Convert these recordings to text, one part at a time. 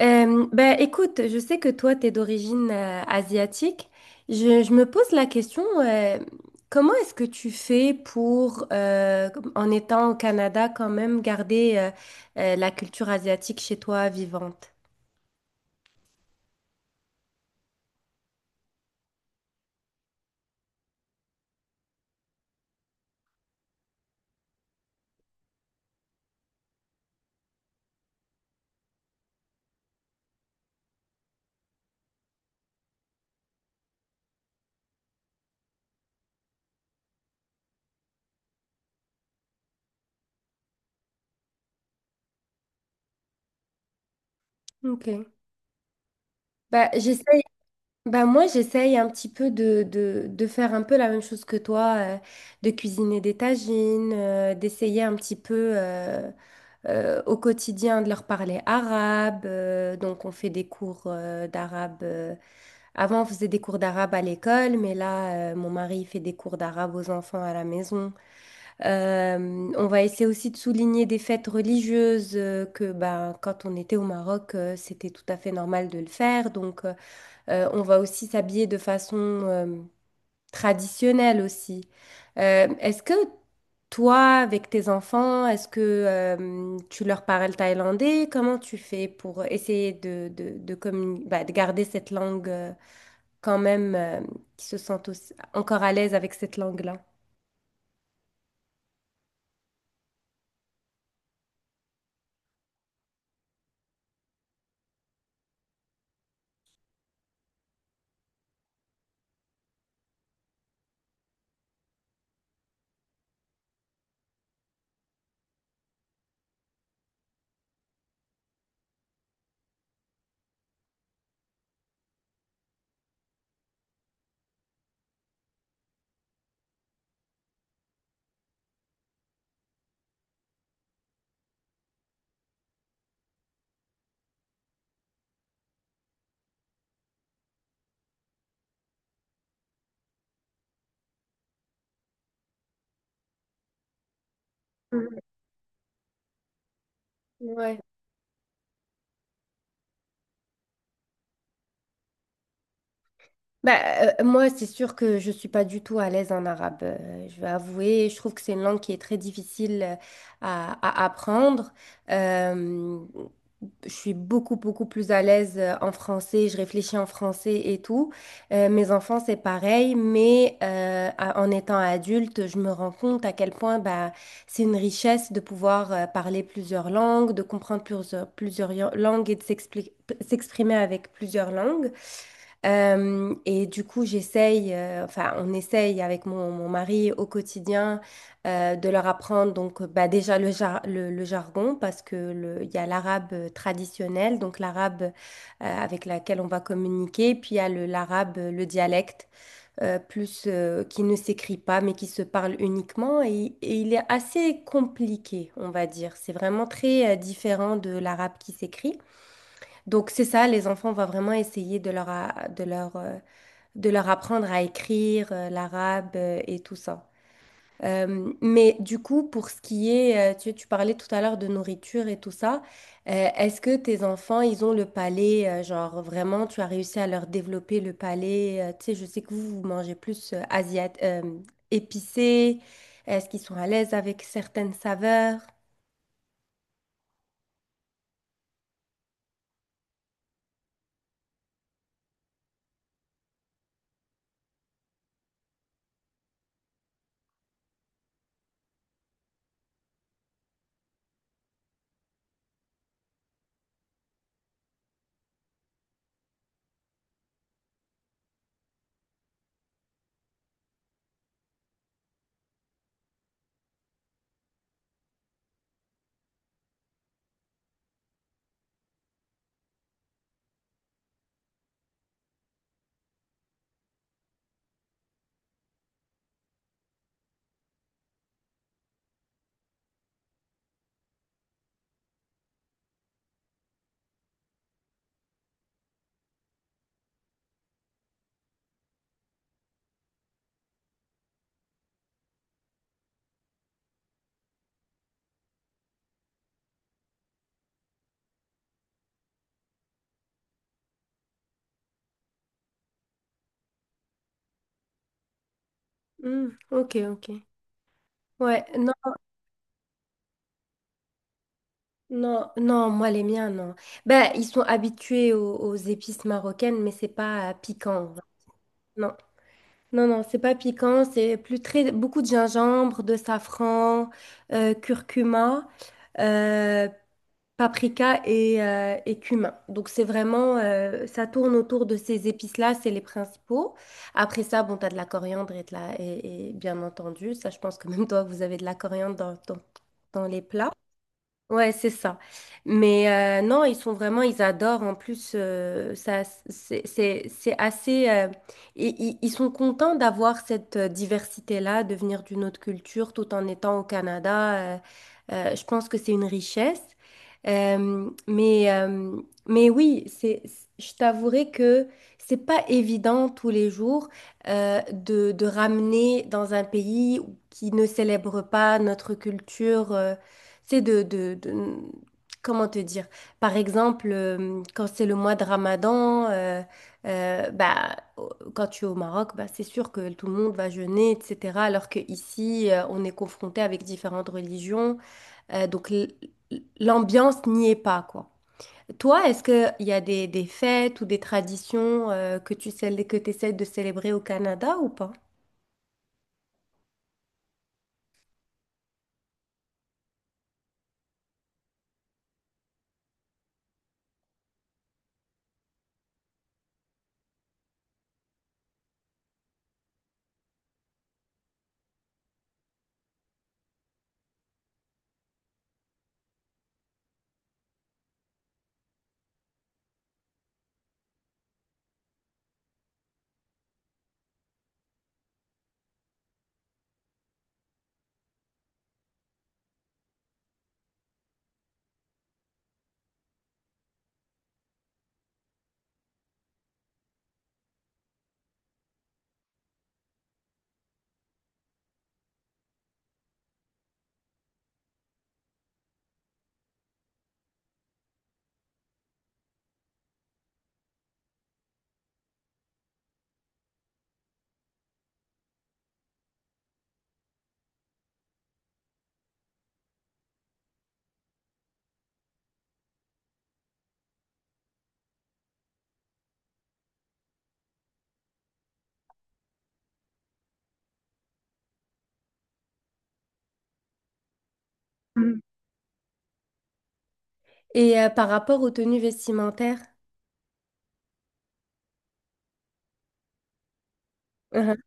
Écoute, je sais que toi, tu es d'origine asiatique. Je me pose la question, comment est-ce que tu fais pour, en étant au Canada, quand même garder la culture asiatique chez toi vivante? Ok. Bah, j'essaye, Moi, j'essaye un petit peu de faire un peu la même chose que toi, de cuisiner des tagines, d'essayer un petit peu au quotidien de leur parler arabe. Donc, on fait des cours d'arabe. Avant, on faisait des cours d'arabe à l'école, mais là, mon mari fait des cours d'arabe aux enfants à la maison. On va essayer aussi de souligner des fêtes religieuses que, ben, quand on était au Maroc, c'était tout à fait normal de le faire. Donc, on va aussi s'habiller de façon traditionnel aussi. Est-ce que toi, avec tes enfants, est-ce que tu leur parles thaïlandais? Comment tu fais pour essayer bah, de garder cette langue quand même, euh, qu'ils se sentent encore à l'aise avec cette langue-là? Mhm. Ouais. Bah, moi, c'est sûr que je suis pas du tout à l'aise en arabe. Je vais avouer, je trouve que c'est une langue qui est très difficile à, à apprendre. Euh, je suis beaucoup, beaucoup plus à l'aise en français, je réfléchis en français et tout. Mes enfants, c'est pareil, mais en étant adulte, je me rends compte à quel point bah, c'est une richesse de pouvoir parler plusieurs langues, de comprendre plusieurs, plusieurs langues et de s'exprimer avec plusieurs langues. Et du coup, j'essaye, enfin, on essaye avec mon mari au quotidien de leur apprendre donc bah, déjà le jargon parce que il y a l'arabe traditionnel, donc l'arabe avec laquelle on va communiquer, puis il y a l'arabe, le dialecte, plus qui ne s'écrit pas mais qui se parle uniquement et il est assez compliqué, on va dire. C'est vraiment très différent de l'arabe qui s'écrit. Donc c'est ça, les enfants, on va vraiment essayer de de leur apprendre à écrire l'arabe et tout ça. Mais du coup, pour ce qui est, tu parlais tout à l'heure de nourriture et tout ça, est-ce que tes enfants, ils ont le palais, genre vraiment, tu as réussi à leur développer le palais, tu sais, je sais que vous, vous mangez plus asiat épicé, est-ce qu'ils sont à l'aise avec certaines saveurs? Hmm, ok, ok. Ouais, non, non, non, moi les miens, non. Ben, ils sont habitués aux épices marocaines, mais c'est pas piquant. Non, non, non, c'est pas piquant, c'est plus très beaucoup de gingembre, de safran, curcuma, euh, paprika et et cumin. Donc c'est vraiment, ça tourne autour de ces épices-là, c'est les principaux. Après ça, bon, t'as de la coriandre et et, bien entendu, ça je pense que même toi, vous avez de la coriandre dans les plats. Ouais, c'est ça. Mais non, ils sont vraiment, ils adorent. En plus, ça, c'est assez. Ils sont contents d'avoir cette diversité-là, de venir d'une autre culture tout en étant au Canada. Je pense que c'est une richesse. Euh, mais, euh, mais oui, c'est, je t'avouerai que c'est pas évident tous les jours de ramener dans un pays qui ne célèbre pas notre culture. C'est de- Comment te dire? Par exemple, quand c'est le mois de Ramadan, bah, quand tu es au Maroc, bah, c'est sûr que tout le monde va jeûner, etc. Alors qu'ici, on est confronté avec différentes religions. euh, donc, l- L'ambiance n'y est pas, quoi. Toi, est-ce qu'il y a des fêtes ou des traditions que tu que t'essaies de célébrer au Canada ou pas? Mm. Et par rapport aux tenues vestimentaires, Mhm.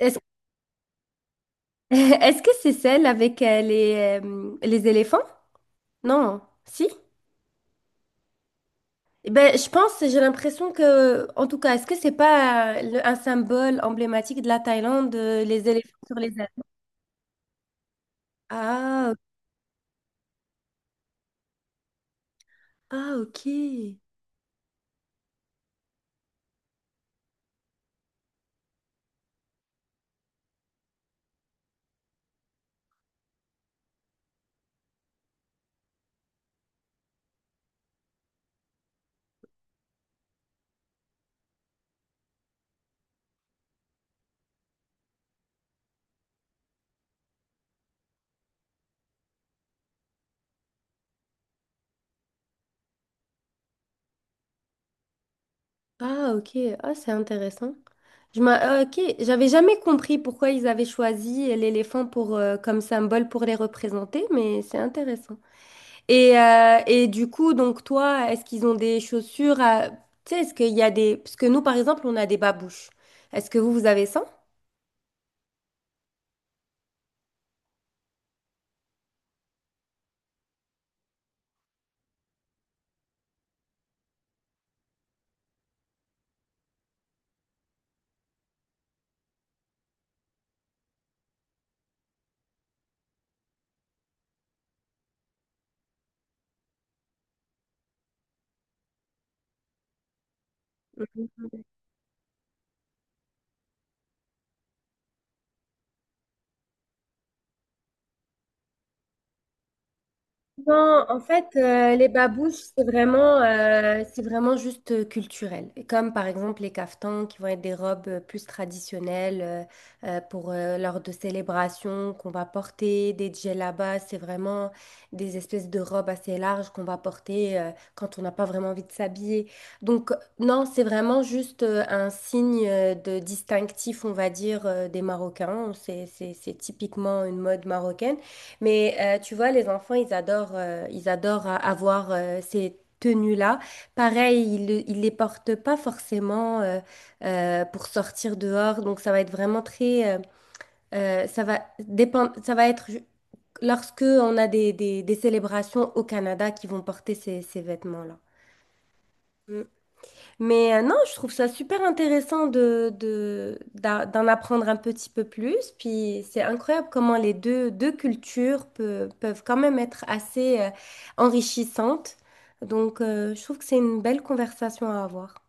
est-ce Est-ce que c'est celle avec les éléphants? Non, si? Eh ben, je pense, j'ai l'impression que, en tout cas, est-ce que c'est pas un symbole emblématique de la Thaïlande, les éléphants sur les ailes? Ah, ah, ok. Ah, ok. Ah, c'est intéressant. Ah, ok, j'avais jamais compris pourquoi ils avaient choisi l'éléphant pour, comme symbole pour les représenter, mais c'est intéressant. Et du coup, donc toi, est-ce qu'ils ont des chaussures à... Tu sais, est-ce qu'il y a des... Parce que nous, par exemple, on a des babouches. Est-ce que vous, vous avez ça? Non, en fait, les babouches, c'est vraiment juste culturel. Et comme par exemple les caftans, qui vont être des robes plus traditionnelles pour lors de célébrations qu'on va porter, des djellabas, c'est vraiment des espèces de robes assez larges qu'on va porter quand on n'a pas vraiment envie de s'habiller. Donc non, c'est vraiment juste un signe de distinctif, on va dire, des Marocains. C'est typiquement une mode marocaine. Mais tu vois, les enfants, ils adorent avoir ces tenues-là. Pareil, ils les portent pas forcément pour sortir dehors. Donc, ça va être vraiment très, ça va dépendre, ça va être lorsque on a des, des célébrations au Canada qui vont porter ces, ces vêtements-là. Mais non, je trouve ça super intéressant de, d'en apprendre un petit peu plus. Puis c'est incroyable comment les deux, deux cultures peuvent quand même être assez enrichissantes. Donc je trouve que c'est une belle conversation à avoir.